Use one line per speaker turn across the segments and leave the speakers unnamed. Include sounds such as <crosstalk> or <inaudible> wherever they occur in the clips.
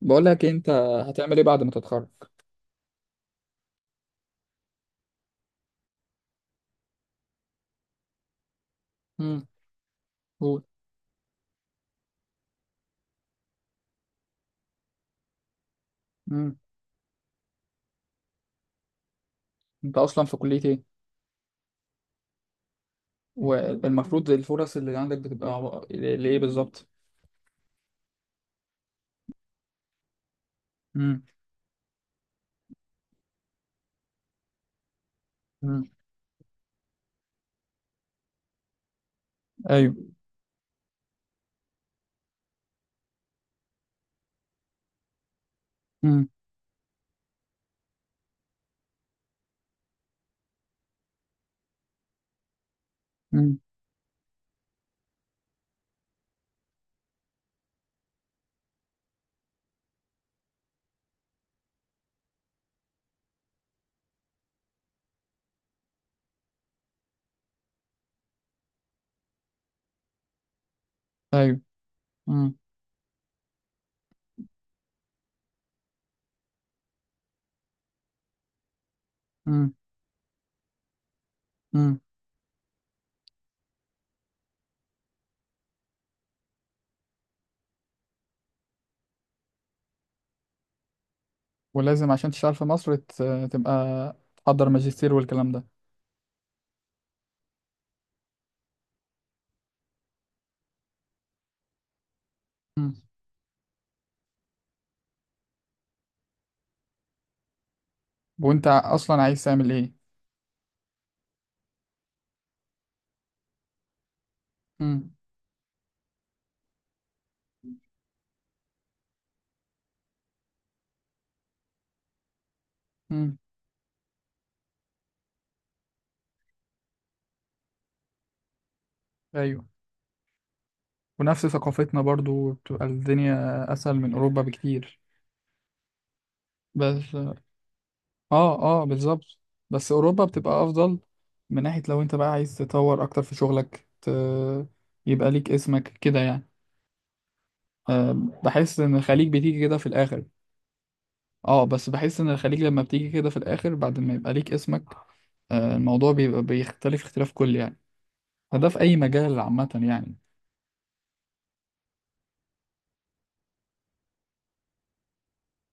بقول لك إيه، انت هتعمل ايه بعد ما تتخرج؟ امم قول. امم انت اصلا في كلية ايه؟ والمفروض الفرص اللي عندك بتبقى لايه بالظبط؟ امم امم ايوه. امم امم ايوه. امم امم امم ولازم عشان تشتغل في مصر تبقى تحضر ماجستير والكلام ده. امم وانت اصلا عايز تعمل ايه؟ امم امم ايوه. ونفس ثقافتنا برضو بتبقى الدنيا اسهل من اوروبا بكتير. بس اه بالظبط. بس اوروبا بتبقى افضل من ناحية لو انت بقى عايز تطور اكتر في شغلك يبقى ليك اسمك كده يعني. آه بحس ان الخليج بتيجي كده في الاخر. اه بس بحس ان الخليج لما بتيجي كده في الاخر بعد ما يبقى ليك اسمك الموضوع بيبقى بيختلف اختلاف كلي يعني. فده في اي مجال عامة يعني.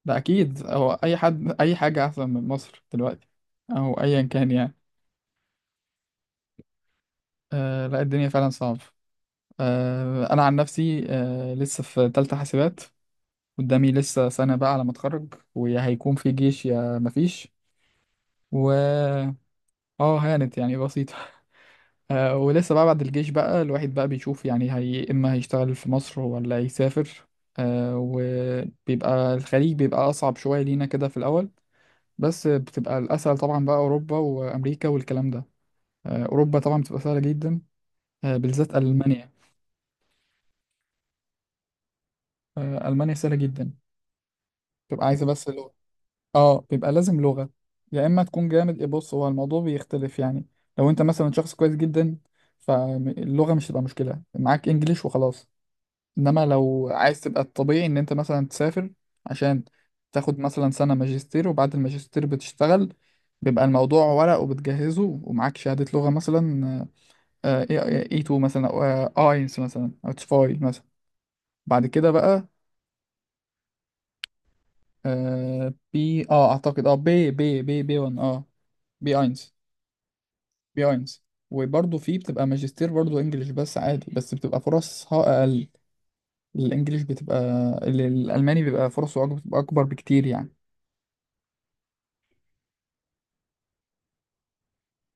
ده اكيد هو اي حد اي حاجة احسن من مصر دلوقتي، او ايا كان يعني. لا، الدنيا فعلا صعبة. انا عن نفسي لسه في تالتة حاسبات. قدامي لسه سنة بقى على ما اتخرج، ويا هيكون في جيش يا مفيش. و اه هانت يعني، بسيطة. <laughs> ولسه بقى بعد الجيش بقى الواحد بقى بيشوف يعني هي اما هيشتغل في مصر ولا يسافر. وبيبقى الخليج بيبقى أصعب شوية لينا كده في الأول، بس بتبقى الأسهل طبعا بقى أوروبا وأمريكا والكلام ده. أوروبا طبعا بتبقى سهلة جدا، بالذات ألمانيا. ألمانيا سهلة جدا، بتبقى عايزة بس. اه بيبقى لازم لغة، يا اما تكون جامد. بص، هو الموضوع بيختلف يعني. لو انت مثلا شخص كويس جدا فاللغة مش هتبقى مشكلة معاك، انجليش وخلاص. انما لو عايز تبقى الطبيعي ان انت مثلا تسافر عشان تاخد مثلا سنة ماجستير، وبعد الماجستير بتشتغل، بيبقى الموضوع ورق وبتجهزه ومعاك شهادة لغة مثلا. آه، إيه، آه، A2 مثلا، او اينس مثلا، او تشفاي مثلا. بعد كده بقى بي، اعتقد بي 1 . بي اينس، بياينز. وبرضه في بتبقى ماجستير برضه انجليش بس عادي، بس بتبقى فرصها اقل. الانجليش بتبقى الالماني بيبقى بتبقى اكبر بكتير يعني.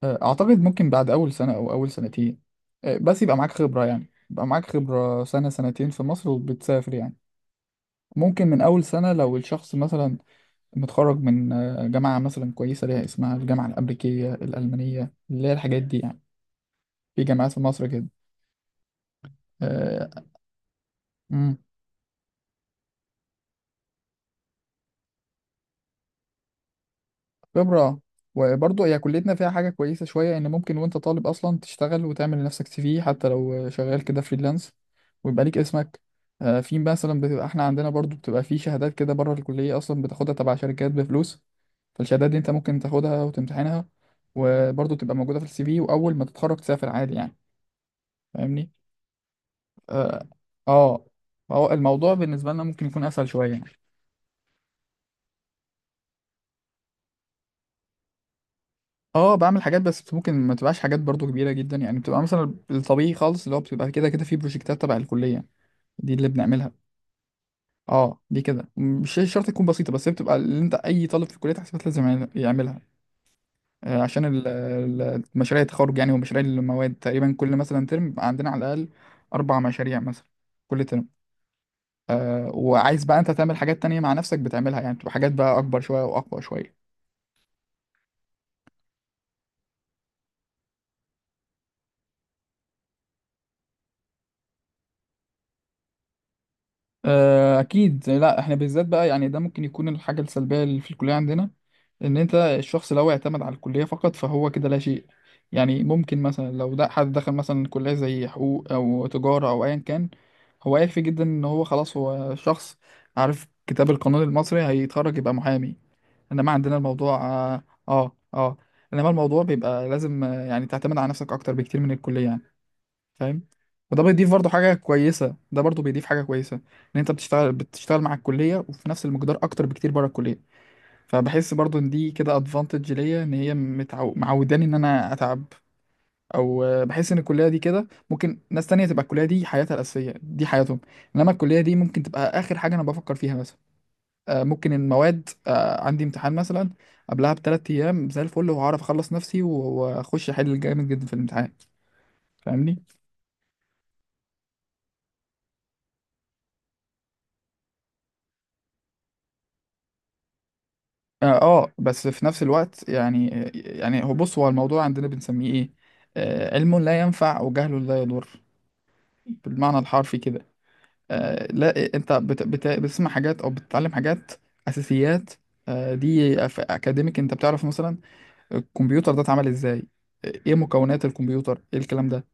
اعتقد ممكن بعد اول سنه او اول سنتين. بس يبقى معاك خبره، يعني يبقى معاك خبره سنه سنتين في مصر وبتسافر يعني. ممكن من اول سنه لو الشخص مثلا متخرج من جامعه مثلا كويسه ليها اسمها الجامعه الامريكيه الالمانيه، اللي هي الحاجات دي يعني. في جامعات في مصر كده. آه، مم. خبرة. وبرضه هي كليتنا فيها حاجة كويسة شوية، إن ممكن وأنت طالب أصلا تشتغل وتعمل لنفسك سي في، حتى لو شغال كده فريلانس ويبقى ليك اسمك. في مثلا بتبقى، إحنا عندنا برضه بتبقى في شهادات كده بره الكلية أصلا بتاخدها تبع شركات بفلوس. فالشهادات دي أنت ممكن تاخدها وتمتحنها وبرضه تبقى موجودة في السي في، وأول ما تتخرج تسافر عادي يعني. فاهمني؟ آه. آه، فهو الموضوع بالنسبة لنا ممكن يكون أسهل شوية يعني. اه بعمل حاجات، بس ممكن ما تبقاش حاجات برضو كبيرة جدا يعني، بتبقى مثلا الطبيعي خالص اللي هو بتبقى كده كده في بروجكتات تبع الكلية دي اللي بنعملها. اه دي كده مش شرط تكون بسيطة، بس هي بتبقى اللي انت اي طالب في كلية حسابات لازم يعملها. عشان مشاريع التخرج يعني، ومشاريع المواد تقريبا كل مثلا ترم بيبقى عندنا على الأقل 4 مشاريع مثلا، كل ترم. وعايز بقى انت تعمل حاجات تانية مع نفسك بتعملها يعني، بتبقى حاجات بقى أكبر شوية وأقوى شوية. اكيد لا، احنا بالذات بقى يعني ده ممكن يكون الحاجه السلبيه اللي في الكليه عندنا، ان انت الشخص لو اعتمد على الكليه فقط فهو كده لا شيء. يعني ممكن مثلا لو ده حد دخل مثلا كليه زي حقوق او تجاره او ايا كان، هو يكفي جدا ان هو خلاص هو شخص عارف كتاب القانون المصري، هيتخرج يبقى محامي. انما عندنا الموضوع انما الموضوع بيبقى لازم يعني تعتمد على نفسك اكتر بكتير من الكليه يعني. فاهم؟ وده بيضيف برضه حاجة كويسة، ده برضه بيضيف حاجة كويسة، ان انت بتشتغل مع الكلية وفي نفس المقدار اكتر بكتير بره الكلية. فبحس برضه ان دي كده ادفانتج ليا، ان هي معوداني ان انا اتعب. او بحس ان الكلية دي كده ممكن ناس تانية تبقى الكلية دي حياتها الأساسية، دي حياتهم. انما الكلية دي ممكن تبقى اخر حاجة انا بفكر فيها مثلا. ممكن المواد عندي امتحان مثلا قبلها بثلاث ايام زي الفل، وهعرف اخلص نفسي واخش احل جامد جدا في الامتحان. فاهمني؟ اه. بس في نفس الوقت يعني، يعني هو بص، هو الموضوع عندنا بنسميه ايه؟ علم لا ينفع، وجهل لا يضر، بالمعنى الحرفي كده. لا، انت بت بت بتسمع حاجات او بتتعلم حاجات، اساسيات. دي اكاديميك، انت بتعرف مثلا الكمبيوتر ده اتعمل ازاي، ايه مكونات الكمبيوتر، ايه الكلام ده.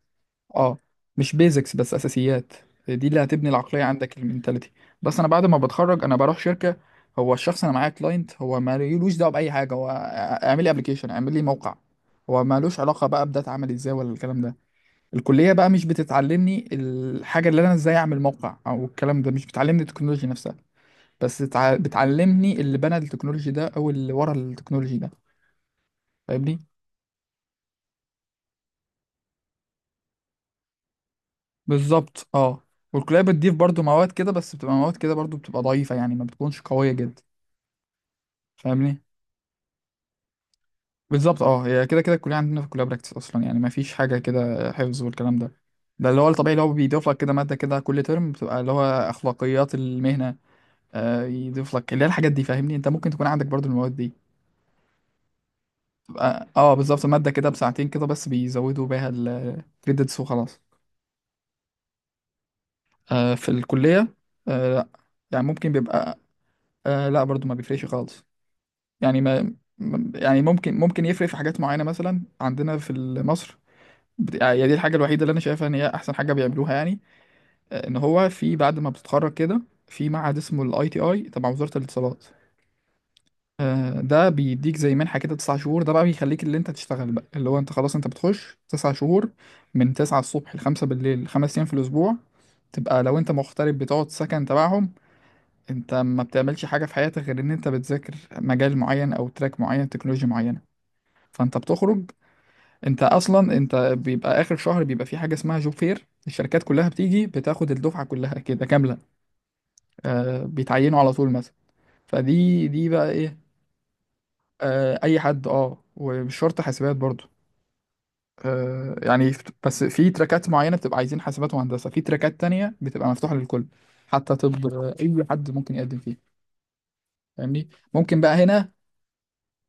اه، مش بيزكس، بس اساسيات. دي اللي هتبني العقليه عندك، المينتاليتي. بس انا بعد ما بتخرج انا بروح شركه، هو الشخص انا معايا كلاينت، هو مالوش دعوه باي حاجه، هو اعمل لي ابلكيشن، اعمل لي موقع، هو مالوش علاقه بقى بده اتعمل ازاي ولا الكلام ده. الكليه بقى مش بتتعلمني الحاجه اللي انا ازاي اعمل موقع او الكلام ده، مش بتعلمني التكنولوجي نفسها، بس بتعلمني اللي بنى التكنولوجي ده، او اللي ورا التكنولوجي ده. فاهمني؟ بالظبط اه. والكلية بتضيف برضو مواد كده، بس بتبقى مواد كده برضو بتبقى ضعيفة يعني، ما بتكونش قوية جدا. فاهمني؟ بالظبط. اه، هي كده كده الكلية عندنا، في الكلية براكتس أصلا يعني، ما فيش حاجة كده حفظ والكلام ده. ده اللي هو الطبيعي اللي هو بيضيف لك كده مادة كده كل ترم، بتبقى اللي هو أخلاقيات المهنة. يضيف لك اللي هي الحاجات دي، فاهمني؟ أنت ممكن تكون عندك برضو المواد دي، تبقى اه بالظبط مادة كده بساعتين كده، بس بيزودوا بيها الكريدتس وخلاص. في الكلية. لا. يعني ممكن بيبقى لا، برضو ما بيفرقش خالص. يعني يعني ممكن يفرق في حاجات معينة، مثلا عندنا في مصر. يعني دي الحاجة الوحيدة اللي أنا شايفها إن هي أحسن حاجة بيعملوها يعني. إن هو في بعد ما بتتخرج كده، في معهد اسمه ال ITI تبع وزارة الاتصالات. ده بيديك زي منحة كده، 9 شهور. ده بقى بيخليك اللي أنت تشتغل بقى، اللي هو أنت خلاص أنت بتخش 9 شهور، من 9 الصبح لخمسة بالليل، 5 أيام في الأسبوع. تبقى لو أنت مغترب بتقعد سكن تبعهم. أنت ما بتعملش حاجة في حياتك غير إن أنت بتذاكر مجال معين، أو تراك معين، تكنولوجيا معينة. فانت بتخرج، انت اصلا انت بيبقى اخر شهر بيبقى في حاجه اسمها جوب فير، الشركات كلها بتيجي بتاخد الدفعه كلها كده كامله. بيتعينوا على طول مثلا. فدي بقى ايه. اي حد، اه، ومش شرط حاسبات برضو. يعني بس في تراكات معينه بتبقى عايزين حاسبات وهندسه، في تراكات تانية بتبقى مفتوحه للكل، حتى طب اي حد ممكن يقدم فيه. فاهمني؟ ممكن بقى هنا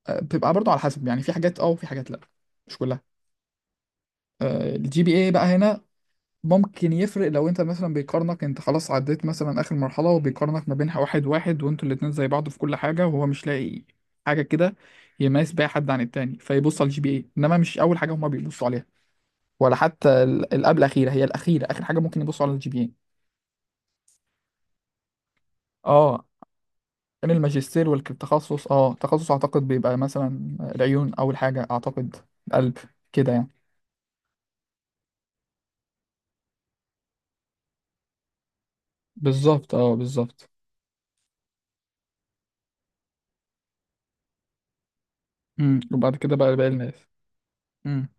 بتبقى برضو على حسب يعني، في حاجات اه وفي حاجات لا، مش كلها. الجي بي اي بقى هنا ممكن يفرق لو انت مثلا بيقارنك، انت خلاص عديت مثلا اخر مرحلة، وبيقارنك ما بينها واحد واحد، وانتوا الاتنين زي بعض في كل حاجة، وهو مش لاقي حاجة كده يميز بيها حد عن التاني، فيبص على الجي بي اي. انما مش اول حاجة هما بيبصوا عليها، ولا حتى القبل الاخيرة، هي الاخيرة، اخر حاجة ممكن يبصوا على الجي بي اي. اه، كان الماجستير والتخصص، اه تخصص اعتقد بيبقى مثلا العيون اول حاجة اعتقد، القلب، كده يعني. بالظبط اه، بالظبط. وبعد كده بقى باقي الناس. امم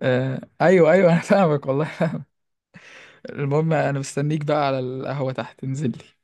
آه ايوه ايوه، انا فاهمك والله. المهم انا مستنيك بقى على القهوة تحت، انزل لي.